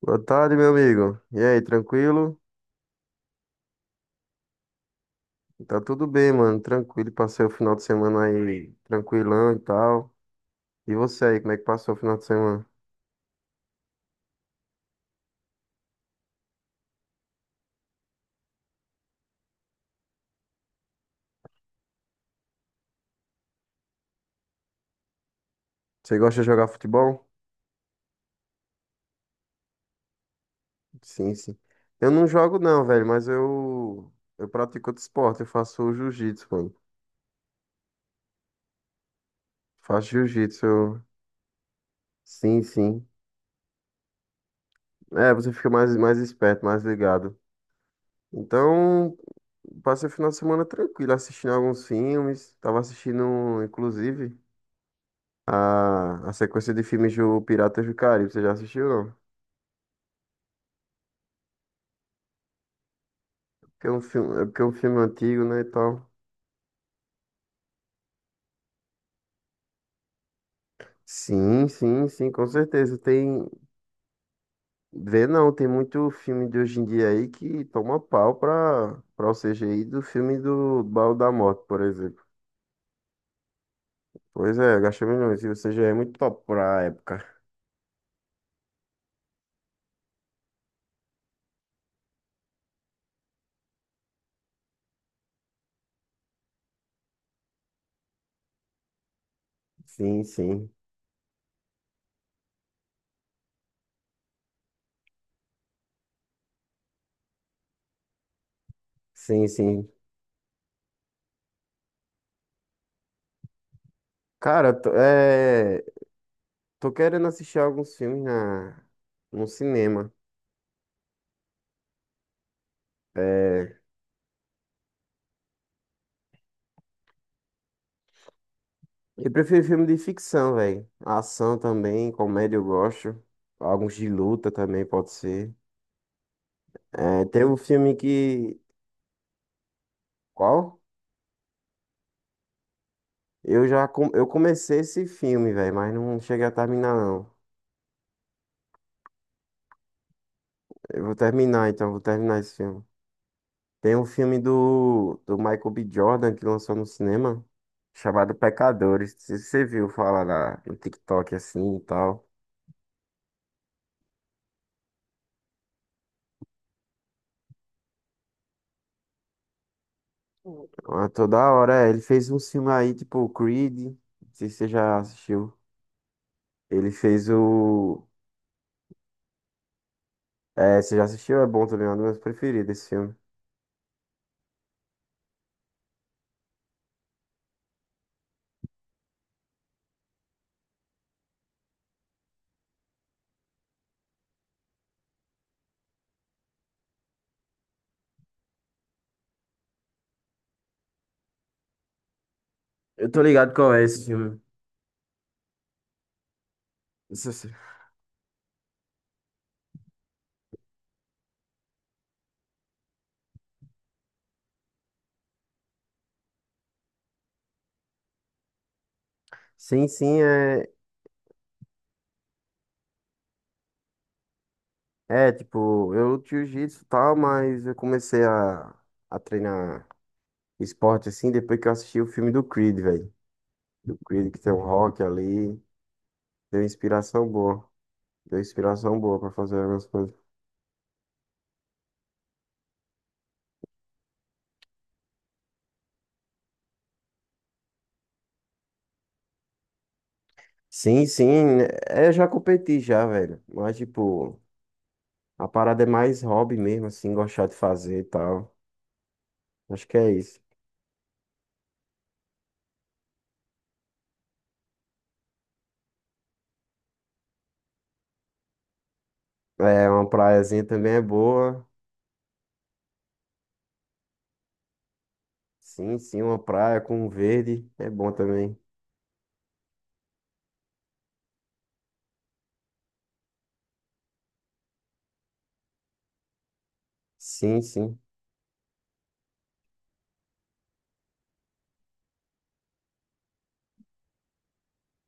Boa tarde, meu amigo. E aí, tranquilo? Tá tudo bem, mano. Tranquilo. Passei o final de semana aí tranquilão e tal. E você aí, como é que passou o final de semana? Você gosta de jogar futebol? Sim, sim. Eu não jogo não, velho, mas eu pratico outro esporte. Eu faço jiu-jitsu, mano. Faço jiu-jitsu. Sim, sim. É, você fica mais esperto, mais ligado. Então, passei o final de semana tranquilo, assistindo alguns filmes. Tava assistindo, inclusive. A sequência de filmes do Piratas do Caribe, você já assistiu, não? Porque é um filme, é porque é um filme antigo, né, e tal. Sim, sim, sim, com certeza. Tem, vê não, tem muito filme de hoje em dia aí que toma pau pra o CGI do filme do Baú da Morte, por exemplo. Pois é, gastou milhões, e o CGI é muito top pra época. Sim, sim, sim, sim. Cara, tô querendo assistir alguns filmes no cinema. É, eu prefiro filme de ficção, velho. Ação também, comédia eu gosto. Alguns de luta também pode ser. É, tem um filme que. Qual? Eu comecei esse filme, velho, mas não cheguei a terminar, não. Eu vou terminar, então, vou terminar esse filme. Tem um filme do Michael B. Jordan que lançou no cinema, chamado Pecadores. Se você viu falar no TikTok assim e tal. Ah, toda hora, é, ele fez um filme aí, tipo Creed. Não sei se você já assistiu. Ele fez o. É, você já assistiu? É bom também, é um dos meus preferidos esse filme. Eu tô ligado qual é esse filme. Isso sim. Sim, sim, é. É, tipo, eu jiu-jitsu e tal, mas eu comecei a treinar esporte assim depois que eu assisti o filme do Creed, velho. Do Creed que tem o rock ali. Deu inspiração boa. Deu inspiração boa pra fazer algumas coisas. Sim, sim, né, é, eu já competi já, velho. Mas, tipo, a parada é mais hobby mesmo, assim, gostar de fazer e tal. Acho que é isso. É, uma praiazinha também é boa. Sim, sim, uma praia com verde é bom também. Sim, sim.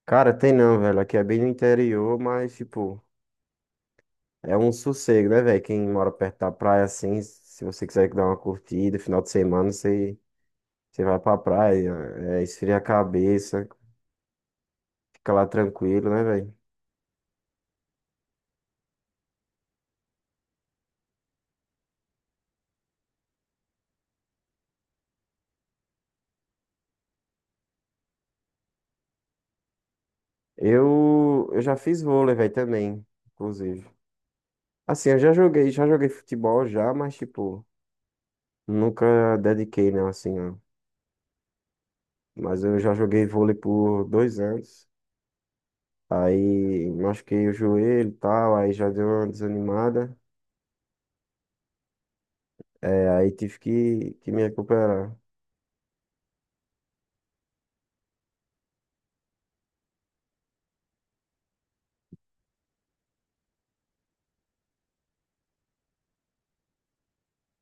Cara, tem não, velho. Aqui é bem no interior, mas, tipo, é um sossego, né, velho? Quem mora perto da praia, assim, se você quiser dar uma curtida, final de semana, você vai pra praia, é, esfria a cabeça, fica lá tranquilo, né, velho? Eu já fiz vôlei, velho, também, inclusive. Assim, eu já joguei futebol já, mas, tipo, nunca dediquei, não, assim, ó. Mas eu já joguei vôlei por dois anos. Aí machuquei o joelho e tal, aí já deu uma desanimada. É, aí tive que me recuperar.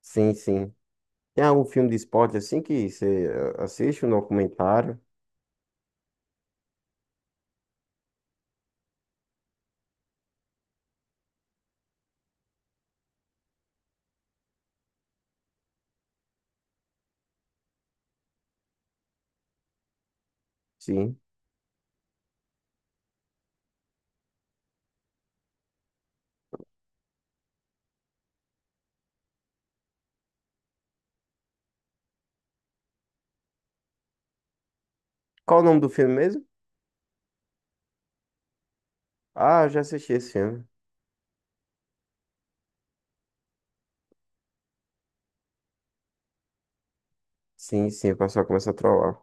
Sim, sim. Tem algum filme de esporte assim que você assiste, um documentário? Sim. Qual o nome do filme mesmo? Ah, eu já assisti esse filme. Sim, sim, o pessoal começa a trollar.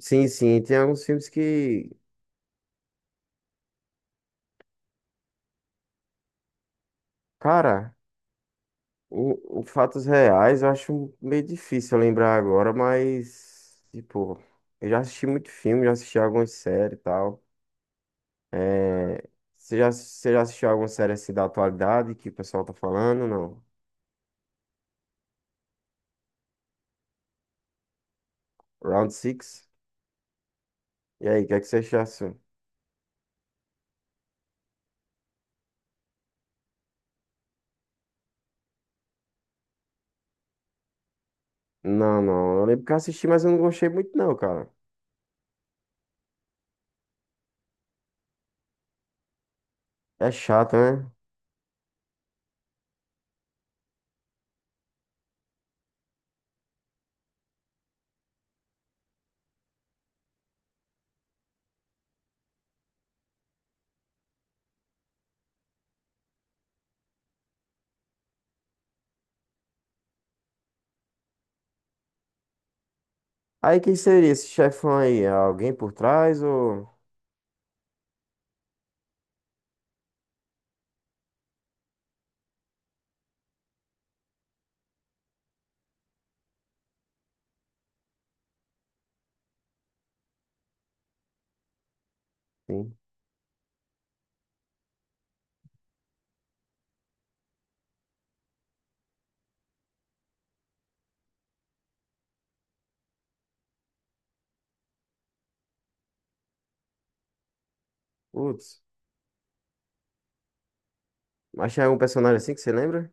Sim, sim, tem alguns filmes que, cara, o fatos reais eu acho meio difícil lembrar agora, mas, tipo, eu já assisti muito filme, já assisti algumas séries e tal. É, você já assistiu alguma série assim da atualidade que o pessoal tá falando? Não. Round Six. E aí, o que é que você achou? Não, não. Eu lembro que eu assisti, mas eu não gostei muito, não, cara. É chato, né? Aí quem seria esse chefão aí? É alguém por trás ou. Sim. Putz. Mas é um personagem assim que você lembra?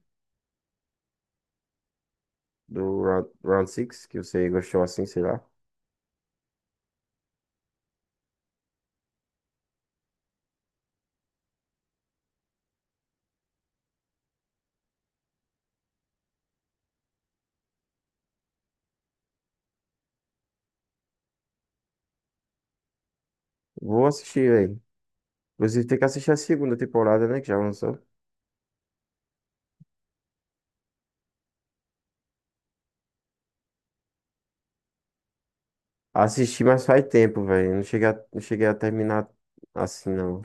Do Round Six que você gostou assim, sei lá. Vou assistir, velho. Inclusive, tem que assistir a segunda temporada, né? Que já lançou. Assisti, mas faz tempo, velho. Não cheguei a terminar assim, não.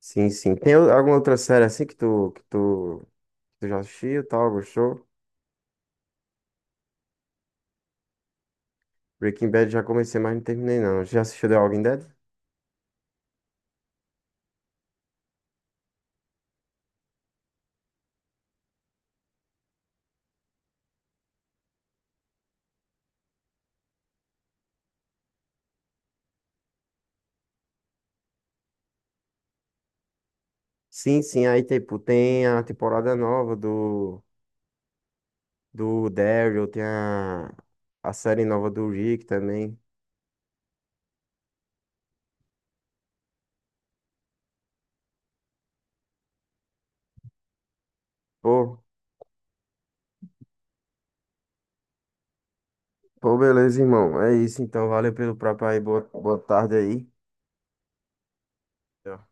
Sim, sim. Alguma outra série assim que tu já assistiu e tal, gostou? Breaking Bad já comecei, mas não terminei, não. Já assistiu The Walking Dead? Sim, sim. Aí, tipo, tem a temporada nova do Daryl, tem a série nova do Rick também. Pô, beleza, irmão. É isso, então. Valeu pelo papo aí. Boa tarde aí. Tchau.